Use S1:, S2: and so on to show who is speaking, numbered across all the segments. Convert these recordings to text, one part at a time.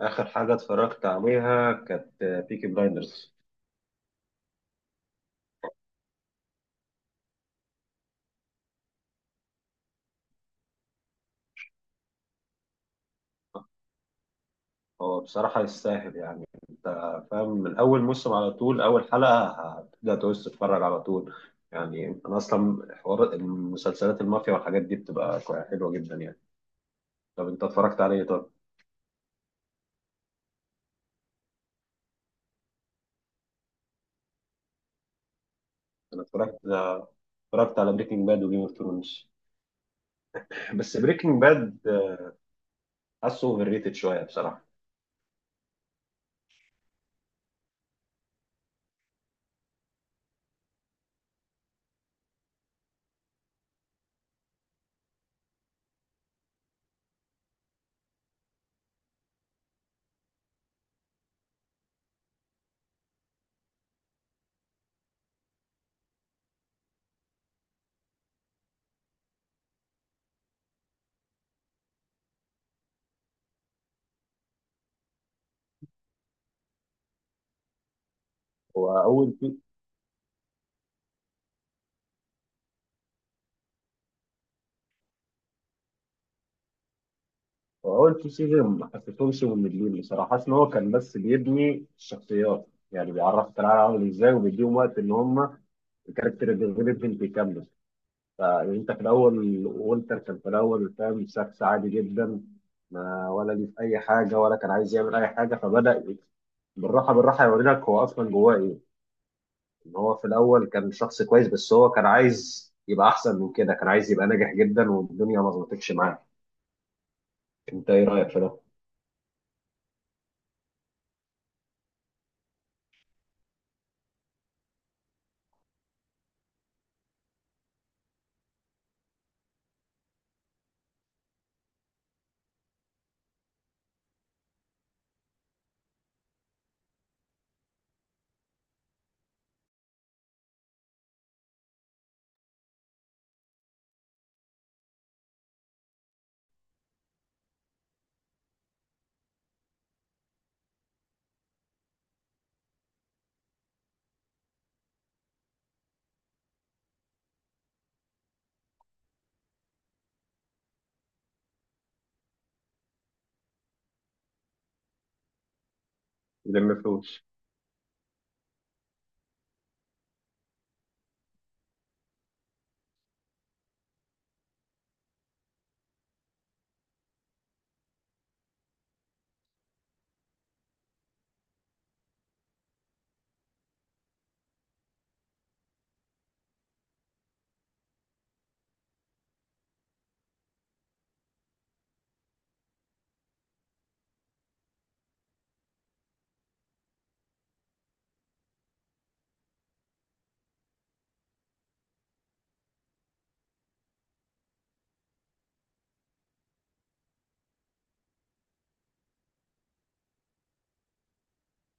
S1: آخر حاجة اتفرجت عليها كانت بيكي بلايندرز. هو بصراحة يستاهل يعني. أنت فاهم من أول موسم على طول أول حلقة هتبدأ تعوز تتفرج على طول. يعني أنا أصلا حوار المسلسلات المافيا والحاجات دي بتبقى حلوة جدا يعني. طب أنت اتفرجت عليه طب؟ أنا اتفرجت على بريكنج باد وجيم اوف ثرونز، بس بريكنج باد حاسه اوفر ريتد شوية بصراحة. هو أول هو التو سيزون ما حسيتهمش مملين بصراحه، حاسس ان هو كان بس بيبني الشخصيات، يعني بيعرفك العالم عامل ازاي وبيديهم وقت ان هم الكاركتر ديفلوبمنت يكمل. فانت في الاول وولتر كان في الاول فاهم شخص عادي جدا، ما ولا ليه في اي حاجه ولا كان عايز يعمل اي حاجه، فبدا بالراحه بالراحه يوري لك هو اصلا جواه ايه، ان هو في الاول كان شخص كويس، بس هو كان عايز يبقى احسن من كده، كان عايز يبقى ناجح جدا والدنيا ما ظبطتش معاه. انت ايه رايك في ده؟ يلم فلوس.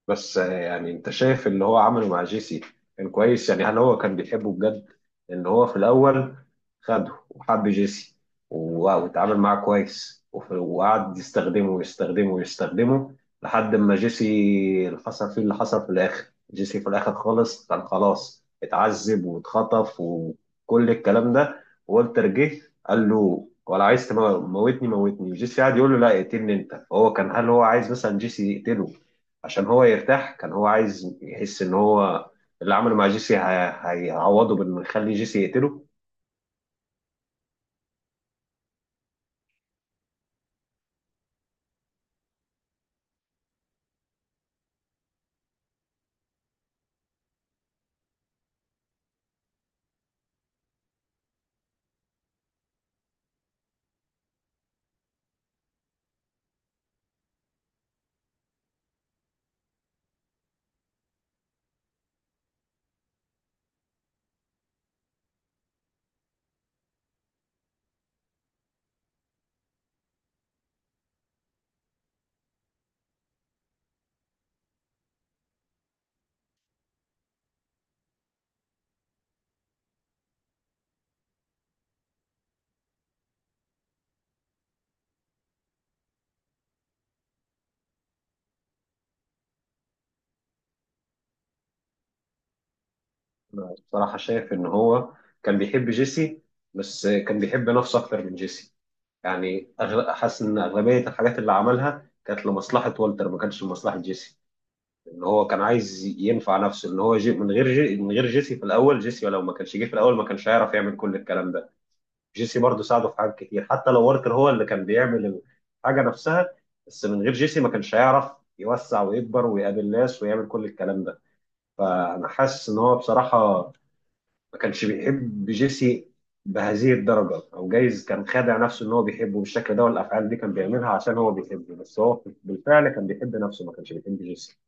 S1: بس يعني انت شايف اللي هو عمله مع جيسي كان كويس؟ يعني هل هو كان بيحبه بجد، ان هو في الاول خده وحب جيسي، واتعامل معاه كويس، وقعد يستخدمه ويستخدمه ويستخدمه لحد ما جيسي اللي حصل فيه اللي حصل في الاخر؟ جيسي في الاخر خالص كان خلاص اتعذب واتخطف وكل الكلام ده، والتر جه قال له ولا عايز تموتني موتني، جيسي قاعد يقول له لا اقتلني انت. هو كان، هل هو عايز مثلا جيسي يقتله عشان هو يرتاح؟ كان هو عايز يحس ان هو اللي عمله مع جيسي هيعوضه بانه يخلي جيسي يقتله؟ انا بصراحه شايف ان هو كان بيحب جيسي، بس كان بيحب نفسه اكتر من جيسي. يعني حاسس ان اغلبيه الحاجات اللي عملها كانت لمصلحه والتر، ما كانتش لمصلحه جيسي. ان هو كان عايز ينفع نفسه، ان هو جي من غير جي من غير جيسي في الاول. جيسي لو ما كانش جه في الاول ما كانش هيعرف يعمل كل الكلام ده. جيسي برضه ساعده في حاجات كتير، حتى لو واركر هو اللي كان بيعمل الحاجه نفسها، بس من غير جيسي ما كانش هيعرف يوسع ويكبر ويقابل ناس ويعمل كل الكلام ده. فانا حاسس ان هو بصراحه ما كانش بيحب جيسي بهذه الدرجه، او جايز كان خادع نفسه ان هو بيحبه بالشكل ده والافعال دي كان بيعملها عشان هو بيحبه، بس هو بالفعل كان بيحب نفسه، ما كانش بيحب جيسي.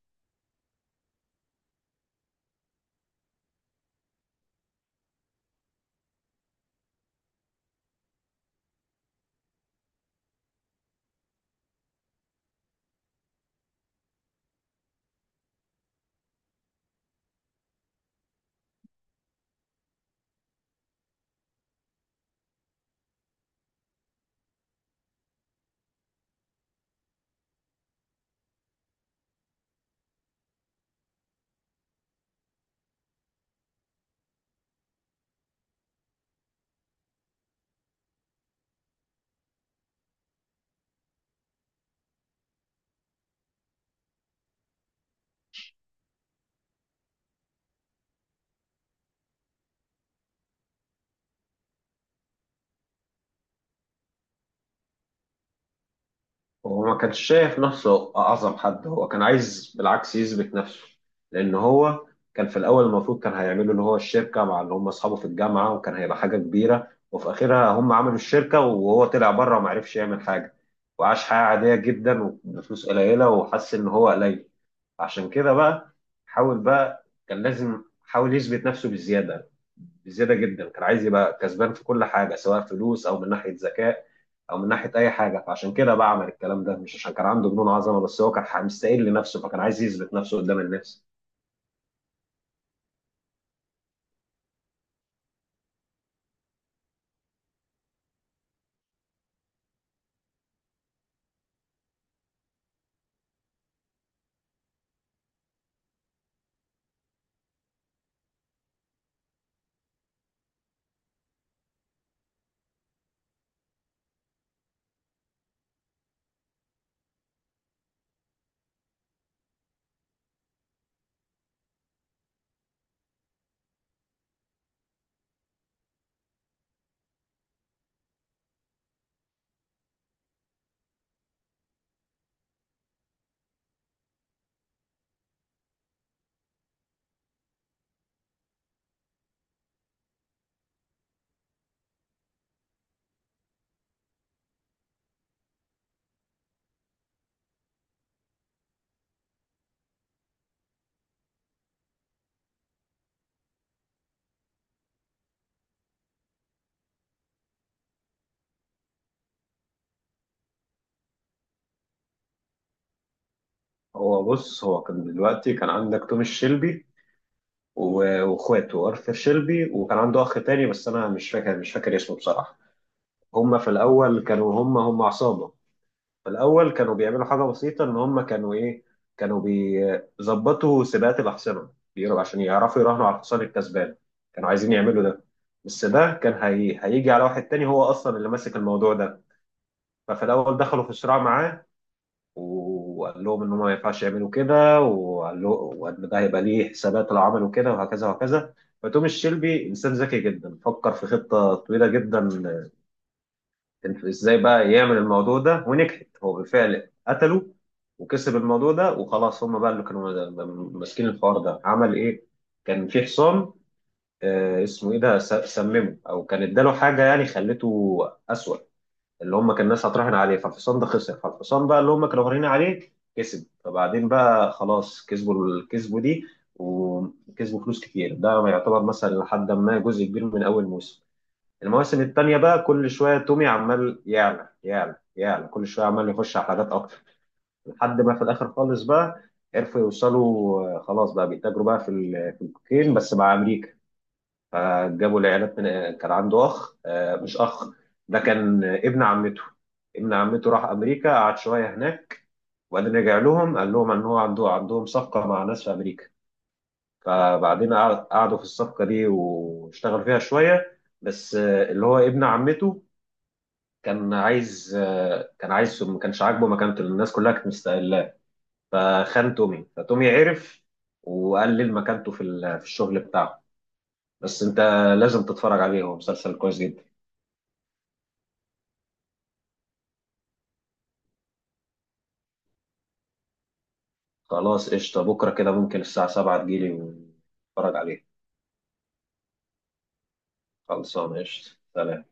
S1: هو ما كانش شايف نفسه أعظم حد، هو كان عايز بالعكس يثبت نفسه، لأن هو كان في الأول المفروض كان هيعملوا اللي هو الشركة مع اللي هم أصحابه في الجامعة، وكان هيبقى حاجة كبيرة، وفي آخرها هم عملوا الشركة وهو طلع بره وما عرفش يعمل حاجة، وعاش حياة عادية جدا وبفلوس قليلة وحس إن هو قليل. عشان كده بقى حاول بقى، كان لازم حاول يثبت نفسه بالزيادة، بزياده جدا، كان عايز يبقى كسبان في كل حاجه، سواء فلوس او من ناحيه ذكاء او من ناحيه اي حاجه، فعشان كده بقى عمل الكلام ده، مش عشان كان عنده جنون عظمه، بس هو كان مستقل لنفسه، فكان عايز يثبت نفسه قدام الناس. هو بص، هو كان دلوقتي كان عندك توماس شيلبي واخواته ارثر شيلبي، وكان عنده اخ تاني بس انا مش فاكر اسمه بصراحه. هم في الاول كانوا هم عصابه. في الأول كانوا بيعملوا حاجة بسيطة، إن هم كانوا إيه، كانوا بيظبطوا سباقات الأحصنة بيقولوا عشان يعرفوا يراهنوا على الحصان الكسبان، كانوا عايزين يعملوا ده. بس ده كان هيجي على واحد تاني هو أصلا اللي ماسك الموضوع ده. ففي الأول دخلوا في صراع معاه وقال لهم إن هم ما ينفعش يعملوا كده، وقال له وإن ده هيبقى ليه حسابات لو عملوا كده، وهكذا وهكذا. فتوماس شيلبي إنسان ذكي جدا، فكر في خطة طويلة جدا ازاي بقى يعمل الموضوع ده ونجحت، هو بالفعل قتله وكسب الموضوع ده، وخلاص هم بقى اللي كانوا ماسكين الحوار ده. عمل ايه؟ كان في حصان، اسمه ايه ده، سممه او كان اداله حاجه يعني خلته اسوأ، اللي هم كان الناس هتراهن عليه، فالحصان ده خسر، فالحصان بقى اللي هم كانوا راهنين عليه كسب، فبعدين بقى خلاص الكسبوا دي، وكسبوا فلوس كتير. ده يعتبر مثلا لحد ما جزء كبير من اول موسم. المواسم التانية بقى كل شوية تومي عمال يعلى يعلى يعلى، كل شوية عمال يخش على حاجات أكتر، لحد ما في الآخر خالص بقى عرفوا يوصلوا، خلاص بقى بيتاجروا بقى في الكوكين بس مع أمريكا. فجابوا العيالات من، كان عنده أخ، مش أخ، ده كان ابن عمته. ابن عمته راح أمريكا قعد شوية هناك، وبعدين رجع لهم قال لهم إن هو عندهم صفقة مع ناس في أمريكا. فبعدين قعدوا في الصفقة دي واشتغل فيها شوية، بس اللي هو ابن عمته كان عايز، ما كانش عاجبه مكانته لأن الناس كلها كانت مستقلاه، فخان تومي، فتومي عرف وقلل مكانته في الشغل بتاعه. بس انت لازم تتفرج عليه، هو مسلسل كويس جدا. خلاص قشطة، بكرة كده ممكن الساعة 7 تجيلي ونتفرج عليه. خلصانة قشطة سلام.